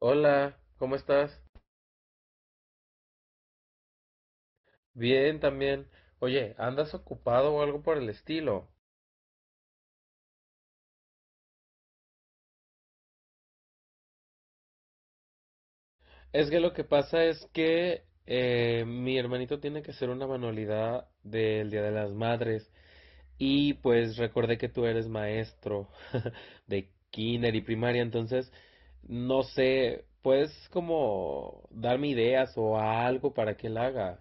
Hola, ¿cómo estás? Bien también. Oye, ¿andas ocupado o algo por el estilo? Es que lo que pasa es que mi hermanito tiene que hacer una manualidad del Día de las Madres y pues recordé que tú eres maestro de kinder y primaria, entonces no sé, ¿puedes como darme ideas o algo para que él haga?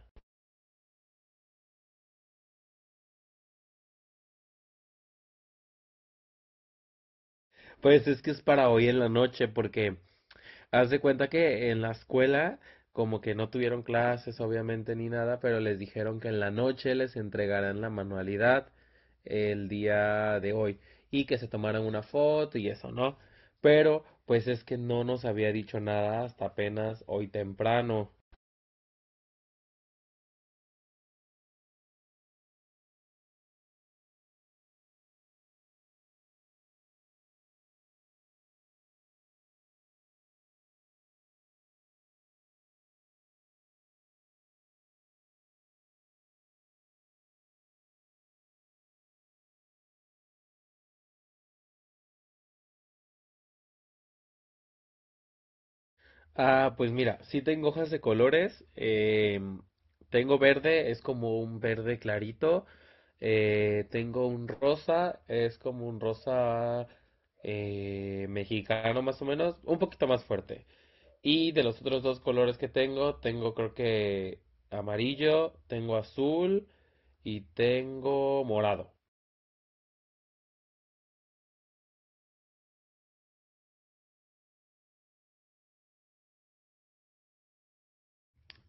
Pues es que es para hoy en la noche porque haz de cuenta que en la escuela, como que no tuvieron clases, obviamente, ni nada, pero les dijeron que en la noche les entregaran la manualidad el día de hoy y que se tomaran una foto y eso, ¿no? Pero, pues es que no nos había dicho nada hasta apenas hoy temprano. Ah, pues mira, sí tengo hojas de colores. Tengo verde, es como un verde clarito. Tengo un rosa, es como un rosa mexicano más o menos, un poquito más fuerte. Y de los otros dos colores que tengo, tengo creo que amarillo, tengo azul y tengo morado.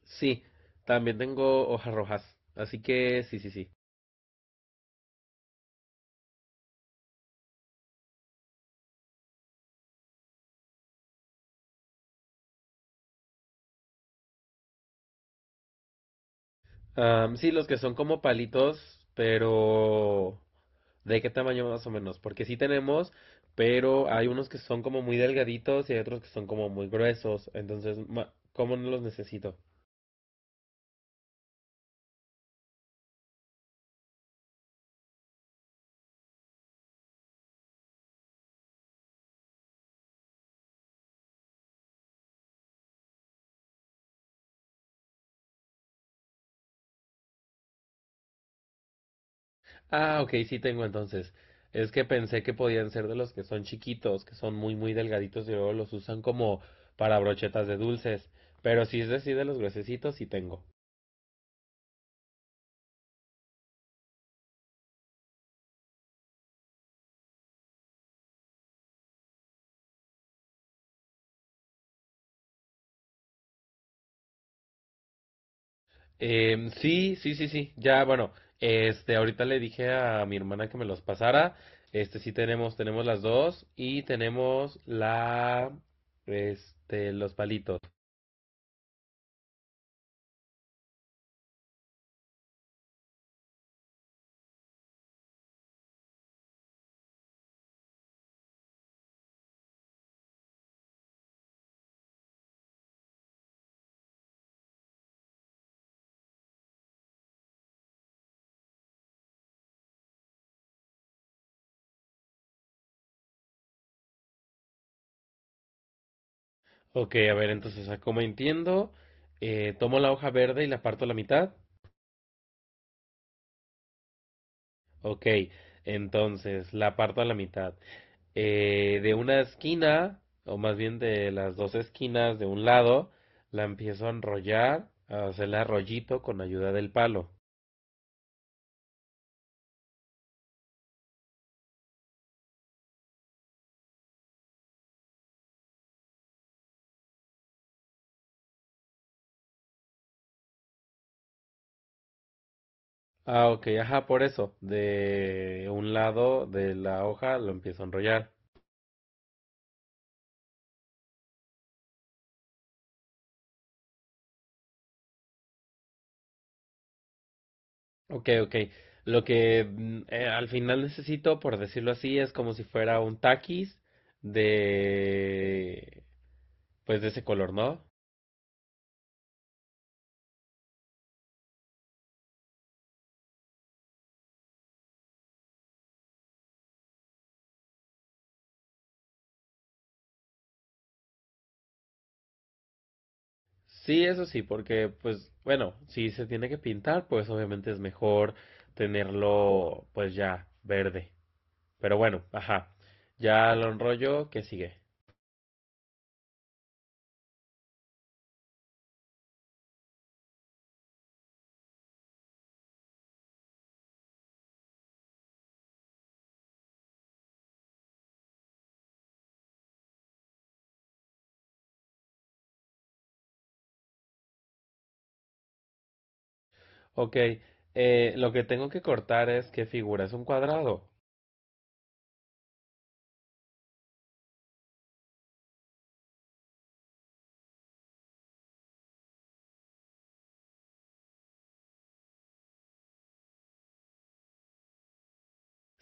Sí, también tengo hojas rojas. Así que sí, sí, sí. Sí, los que son como palitos, pero ¿de qué tamaño más o menos? Porque sí tenemos, pero hay unos que son como muy delgaditos y hay otros que son como muy gruesos. Entonces, ¿cómo no los necesito? Ah, ok, sí tengo entonces. Es que pensé que podían ser de los que son chiquitos, que son muy, muy delgaditos y luego los usan como para brochetas de dulces. Pero si es decir, de los gruesecitos, sí tengo. Sí, sí, sí, sí. Ya, bueno, ahorita le dije a mi hermana que me los pasara. Este, sí tenemos, tenemos las dos y tenemos la, este, los palitos. Ok, a ver, entonces, ah, como entiendo, tomo la hoja verde y la parto a la mitad. Ok, entonces, la parto a la mitad. De una esquina, o más bien de las dos esquinas de un lado, la empiezo a enrollar, a hacerle arrollito con ayuda del palo. Ah, ok, ajá, por eso. De un lado de la hoja lo empiezo a enrollar. Ok, ok. Lo que al final necesito, por decirlo así, es como si fuera un taquis de, pues de ese color, ¿no? Sí, eso sí, porque, pues, bueno, si se tiene que pintar, pues obviamente es mejor tenerlo, pues ya, verde. Pero bueno, ajá. Ya lo enrollo, ¿qué sigue? Ok, lo que tengo que cortar es qué figura, es un cuadrado.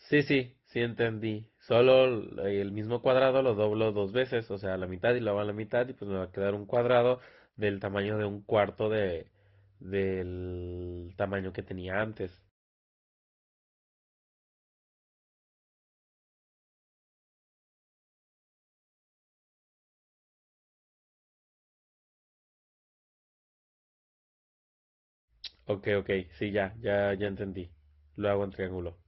Sí, sí, sí entendí. Solo el mismo cuadrado lo doblo dos veces, o sea, a la mitad y lo hago a la mitad y pues me va a quedar un cuadrado del tamaño de un cuarto de del tamaño que tenía antes. Ok, ok, sí, ya, ya, ya entendí. Lo hago en triángulo.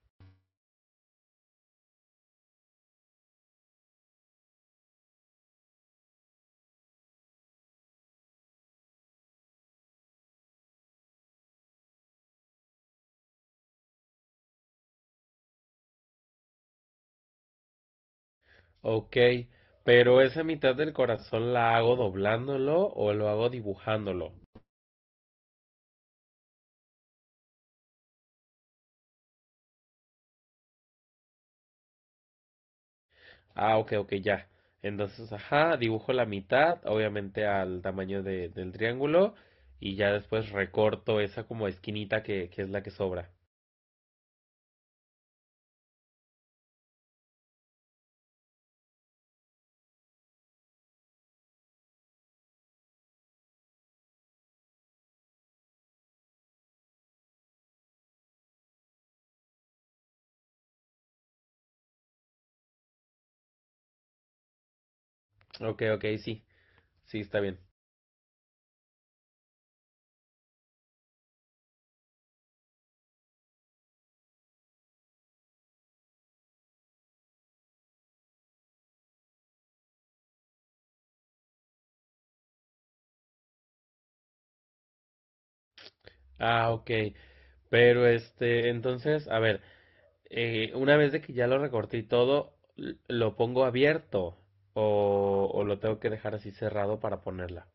Ok, pero esa mitad del corazón la hago doblándolo o lo hago dibujándolo. Ah, ok, ok, ya. Entonces, ajá, dibujo la mitad, obviamente al tamaño del triángulo, y ya después recorto esa como esquinita que es la que sobra. Ok, ok, sí, sí, está bien. Ah, ok, pero este, entonces, a ver, una vez de que ya lo recorté y todo, ¿lo pongo abierto o lo tengo que dejar así cerrado para ponerla?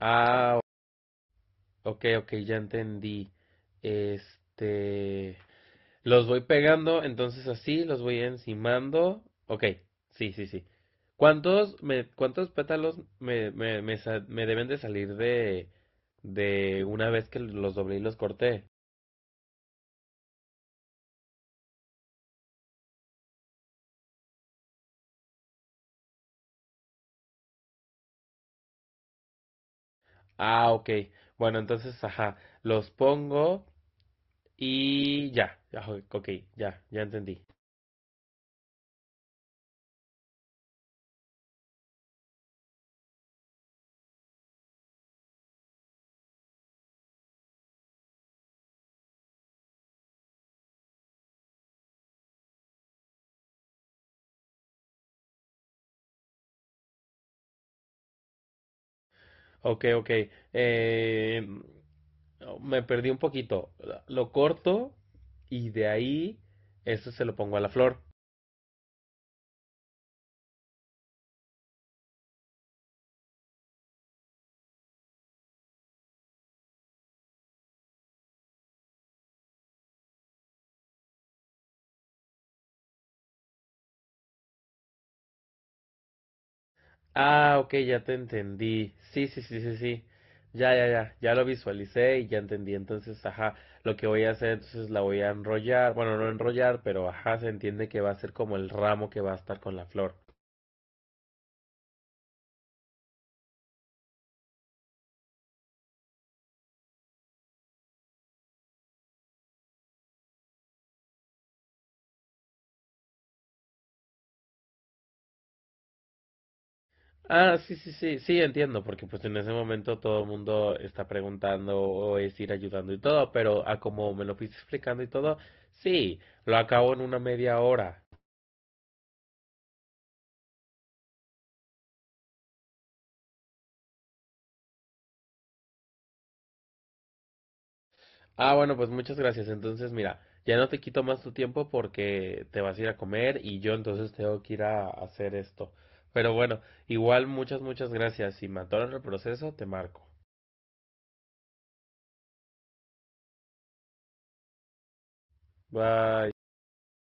Ah, ok, ok, ya entendí. Este... Los voy pegando, entonces así, los voy encimando. Ok, sí, sí, sí. ¿Cuántos, cuántos pétalos me deben de salir de una vez que los doblé y los corté? Ah, ok. Bueno, entonces, ajá, los pongo y ya. Ya, ok, ya, ya entendí. Ok, ok. Eh, Me perdí un poquito. Lo corto y de ahí, eso se lo pongo a la flor. Ah, ok, ya te entendí. Sí, sí, sí, sí, sí. Ya, ya, ya. Ya lo visualicé y ya entendí. Entonces, ajá, lo que voy a hacer, entonces la voy a enrollar. Bueno, no enrollar, pero ajá, se entiende que va a ser como el ramo que va a estar con la flor. Ah, sí, sí, sí, sí, entiendo, porque pues en ese momento todo el mundo está preguntando o es ir ayudando y todo, pero a como me lo fuiste explicando y todo, sí, lo acabo en una media hora. Ah, bueno, pues muchas gracias. Entonces, mira, ya no te quito más tu tiempo porque te vas a ir a comer y yo entonces tengo que ir a hacer esto. Pero bueno, igual muchas, muchas gracias. Si me atoran el proceso, te marco. Bye.